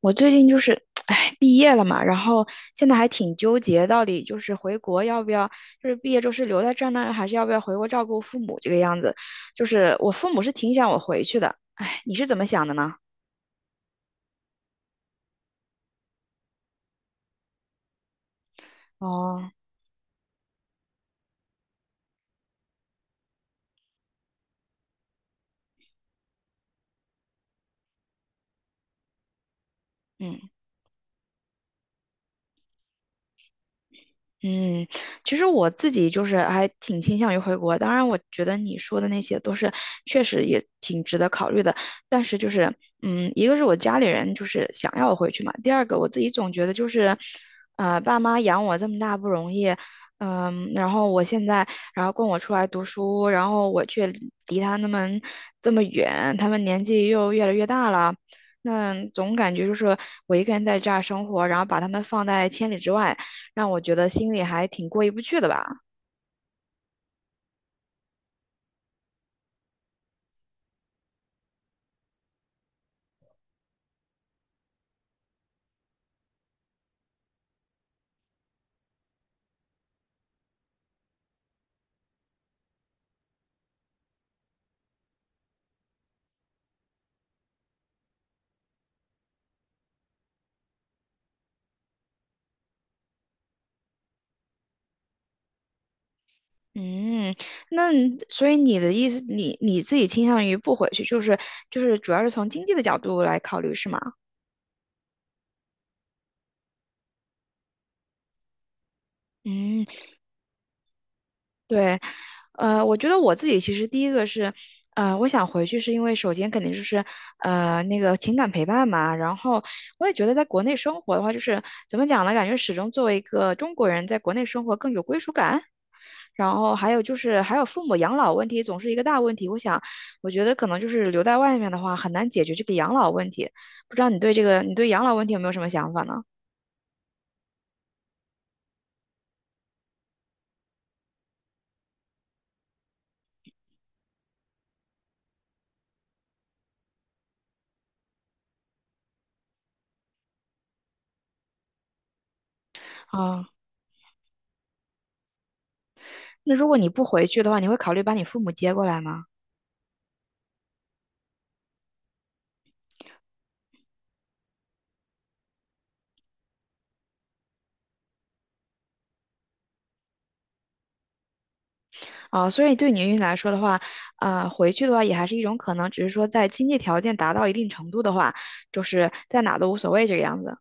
我最近就是，哎，毕业了嘛，然后现在还挺纠结，到底就是回国要不要，就是毕业之后是留在这儿呢，还是要不要回国照顾父母这个样子？就是我父母是挺想我回去的，哎，你是怎么想的呢？哦，嗯。嗯，其实我自己就是还挺倾向于回国，当然我觉得你说的那些都是确实也挺值得考虑的，但是就是，一个是我家里人就是想要我回去嘛，第二个我自己总觉得就是，爸妈养我这么大不容易，然后供我出来读书，然后我却离他这么远，他们年纪又越来越大了，那总感觉就是我一个人在这儿生活，然后把他们放在千里之外。让我觉得心里还挺过意不去的吧。嗯，那所以你的意思，你自己倾向于不回去，就是主要是从经济的角度来考虑，是吗？嗯。对，我觉得我自己其实第一个是，我想回去是因为首先肯定就是，那个情感陪伴嘛。然后我也觉得在国内生活的话，就是怎么讲呢？感觉始终作为一个中国人，在国内生活更有归属感。然后还有就是还有父母养老问题总是一个大问题。我想，我觉得可能就是留在外面的话很难解决这个养老问题。不知道你对这个，你对养老问题有没有什么想法呢？啊、那如果你不回去的话，你会考虑把你父母接过来吗？啊，所以对您来说的话，啊，回去的话也还是一种可能，只是说在经济条件达到一定程度的话，就是在哪都无所谓这个样子。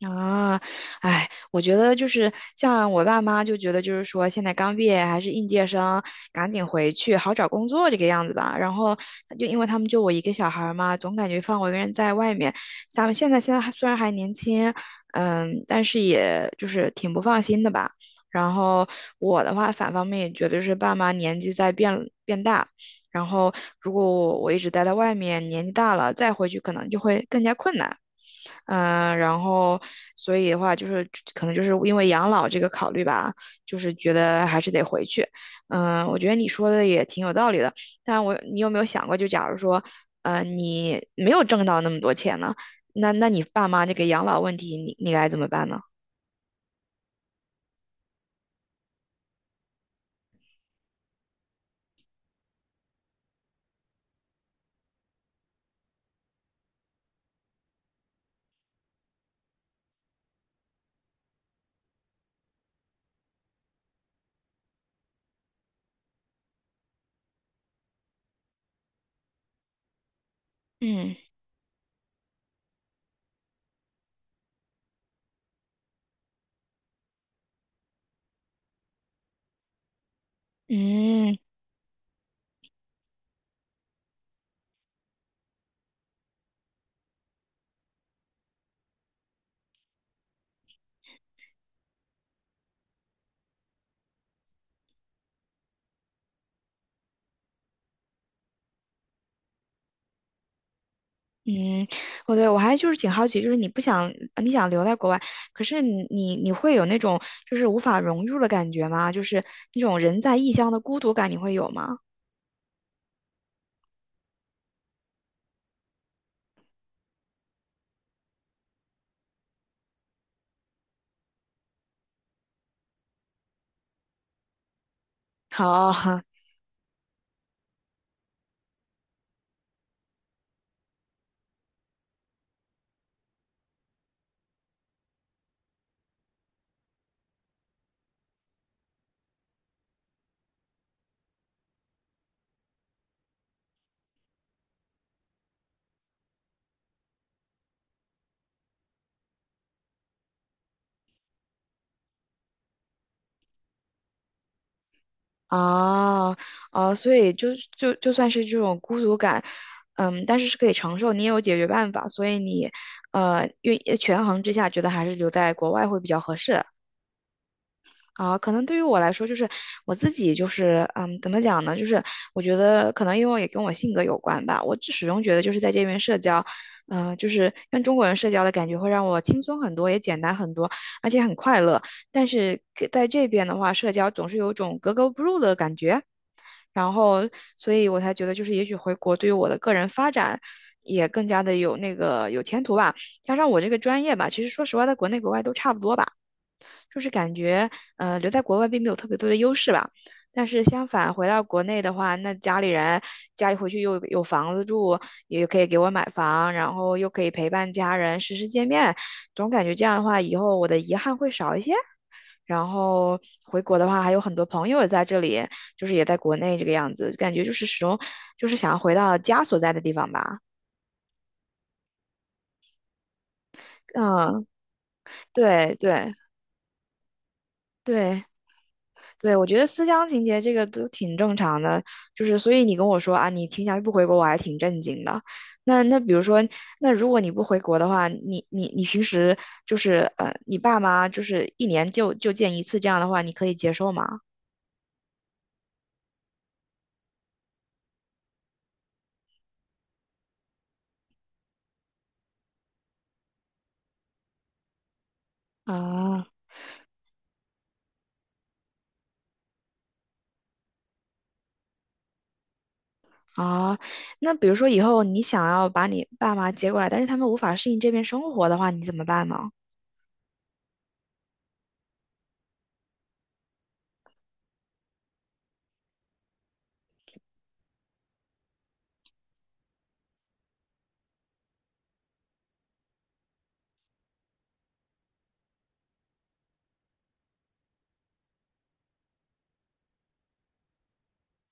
啊，哎，我觉得就是像我爸妈就觉得，就是说现在刚毕业还是应届生，赶紧回去好找工作这个样子吧。然后就因为他们就我一个小孩儿嘛，总感觉放我一个人在外面。咱们现在还虽然还年轻，但是也就是挺不放心的吧。然后我的话，反方面也觉得是爸妈年纪在变大，然后如果我一直待在外面，年纪大了再回去可能就会更加困难。然后所以的话，就是可能就是因为养老这个考虑吧，就是觉得还是得回去。我觉得你说的也挺有道理的，但我你有没有想过，就假如说，你没有挣到那么多钱呢，那你爸妈这个养老问题，你该怎么办呢？嗯嗯嗯，我还就是挺好奇，就是你不想你想留在国外，可是你会有那种就是无法融入的感觉吗？就是那种人在异乡的孤独感，你会有吗？好啊啊，所以就算是这种孤独感，但是是可以承受，你也有解决办法，所以你愿权衡之下，觉得还是留在国外会比较合适。啊，可能对于我来说，就是我自己，就是怎么讲呢？就是我觉得可能因为也跟我性格有关吧。我始终觉得就是在这边社交，就是跟中国人社交的感觉会让我轻松很多，也简单很多，而且很快乐。但是给在这边的话，社交总是有种格格不入的感觉。然后，所以我才觉得，就是也许回国对于我的个人发展也更加的有那个有前途吧。加上我这个专业吧，其实说实话，在国内国外都差不多吧。就是感觉，留在国外并没有特别多的优势吧。但是相反，回到国内的话，那家里回去又有房子住，也可以给我买房，然后又可以陪伴家人，时时见面，总感觉这样的话，以后我的遗憾会少一些。然后回国的话，还有很多朋友也在这里，就是也在国内这个样子，感觉就是始终就是想要回到家所在的地方吧。嗯，对对对，对，我觉得思乡情节这个都挺正常的，就是所以你跟我说啊，你倾向于不回国，我还挺震惊的。那比如说，那如果你不回国的话，你平时就是你爸妈就是一年就见一次这样的话，你可以接受吗？啊啊，那比如说以后你想要把你爸妈接过来，但是他们无法适应这边生活的话，你怎么办呢？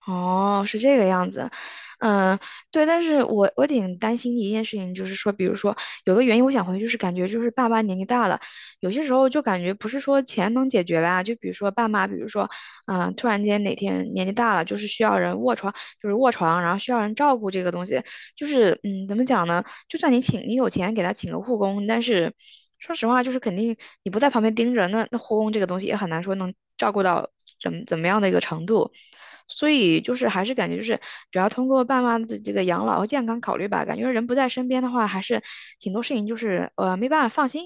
哦，是这个样子，嗯，对，但是我挺担心的一件事情，就是说，比如说有个原因，我想回去是感觉就是爸妈年纪大了，有些时候就感觉不是说钱能解决吧，就比如说爸妈，比如说，突然间哪天年纪大了，就是需要人卧床，就是卧床，然后需要人照顾这个东西，就是怎么讲呢？就算你有钱给他请个护工，但是说实话，就是肯定你不在旁边盯着，那护工这个东西也很难说能照顾到怎么样的一个程度。所以就是还是感觉就是主要通过爸妈的这个养老和健康考虑吧，感觉人不在身边的话，还是挺多事情就是没办法放心。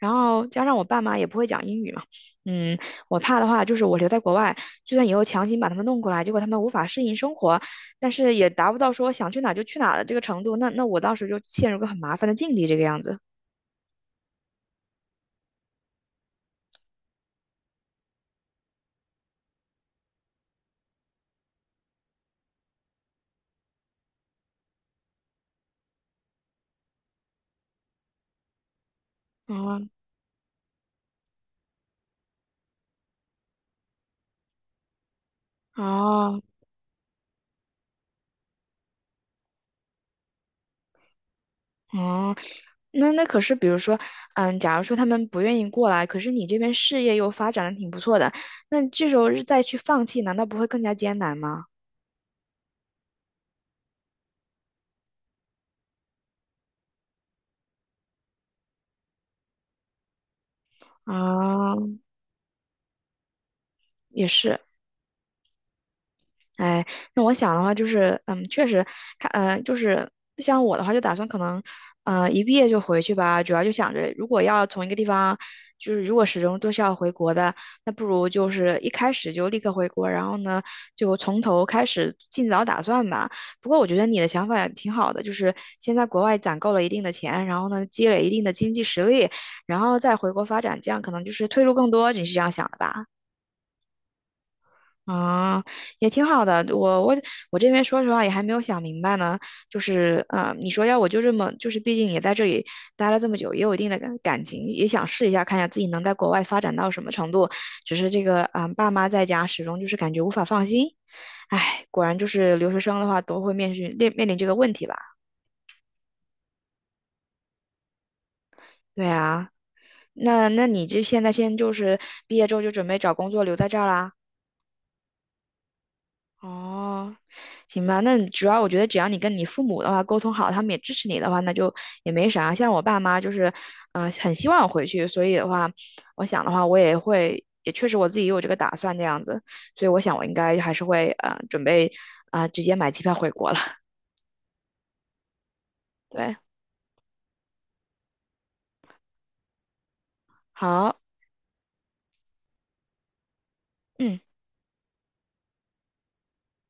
然后加上我爸妈也不会讲英语嘛，嗯，我怕的话就是我留在国外，就算以后强行把他们弄过来，结果他们无法适应生活，但是也达不到说想去哪就去哪的这个程度。那我当时就陷入个很麻烦的境地，这个样子。啊哦哦，那可是比如说，假如说他们不愿意过来，可是你这边事业又发展的挺不错的，那这时候再去放弃，难道不会更加艰难吗？啊、也是。哎，那我想的话就是，确实，看，就是像我的话，就打算可能，一毕业就回去吧。主要就想着，如果要从一个地方，就是如果始终都是要回国的，那不如就是一开始就立刻回国，然后呢，就从头开始，尽早打算吧。不过我觉得你的想法也挺好的，就是先在国外攒够了一定的钱，然后呢，积累一定的经济实力，然后再回国发展，这样可能就是退路更多。你是这样想的吧？啊，也挺好的。我这边说实话也还没有想明白呢。就是啊、你说要我就这么，就是毕竟也在这里待了这么久，也有一定的感情，也想试一下，看一下自己能在国外发展到什么程度。只是这个啊、爸妈在家始终就是感觉无法放心。唉，果然就是留学生的话都会面临这个问题吧？对啊，那你这现在先就是毕业之后就准备找工作留在这儿啦？哦，行吧，那主要我觉得只要你跟你父母的话沟通好，他们也支持你的话，那就也没啥。像我爸妈就是，很希望我回去，所以的话，我想的话，我也会，也确实我自己也有这个打算这样子，所以我想我应该还是会，准备，啊、直接买机票回国了。对，好，嗯。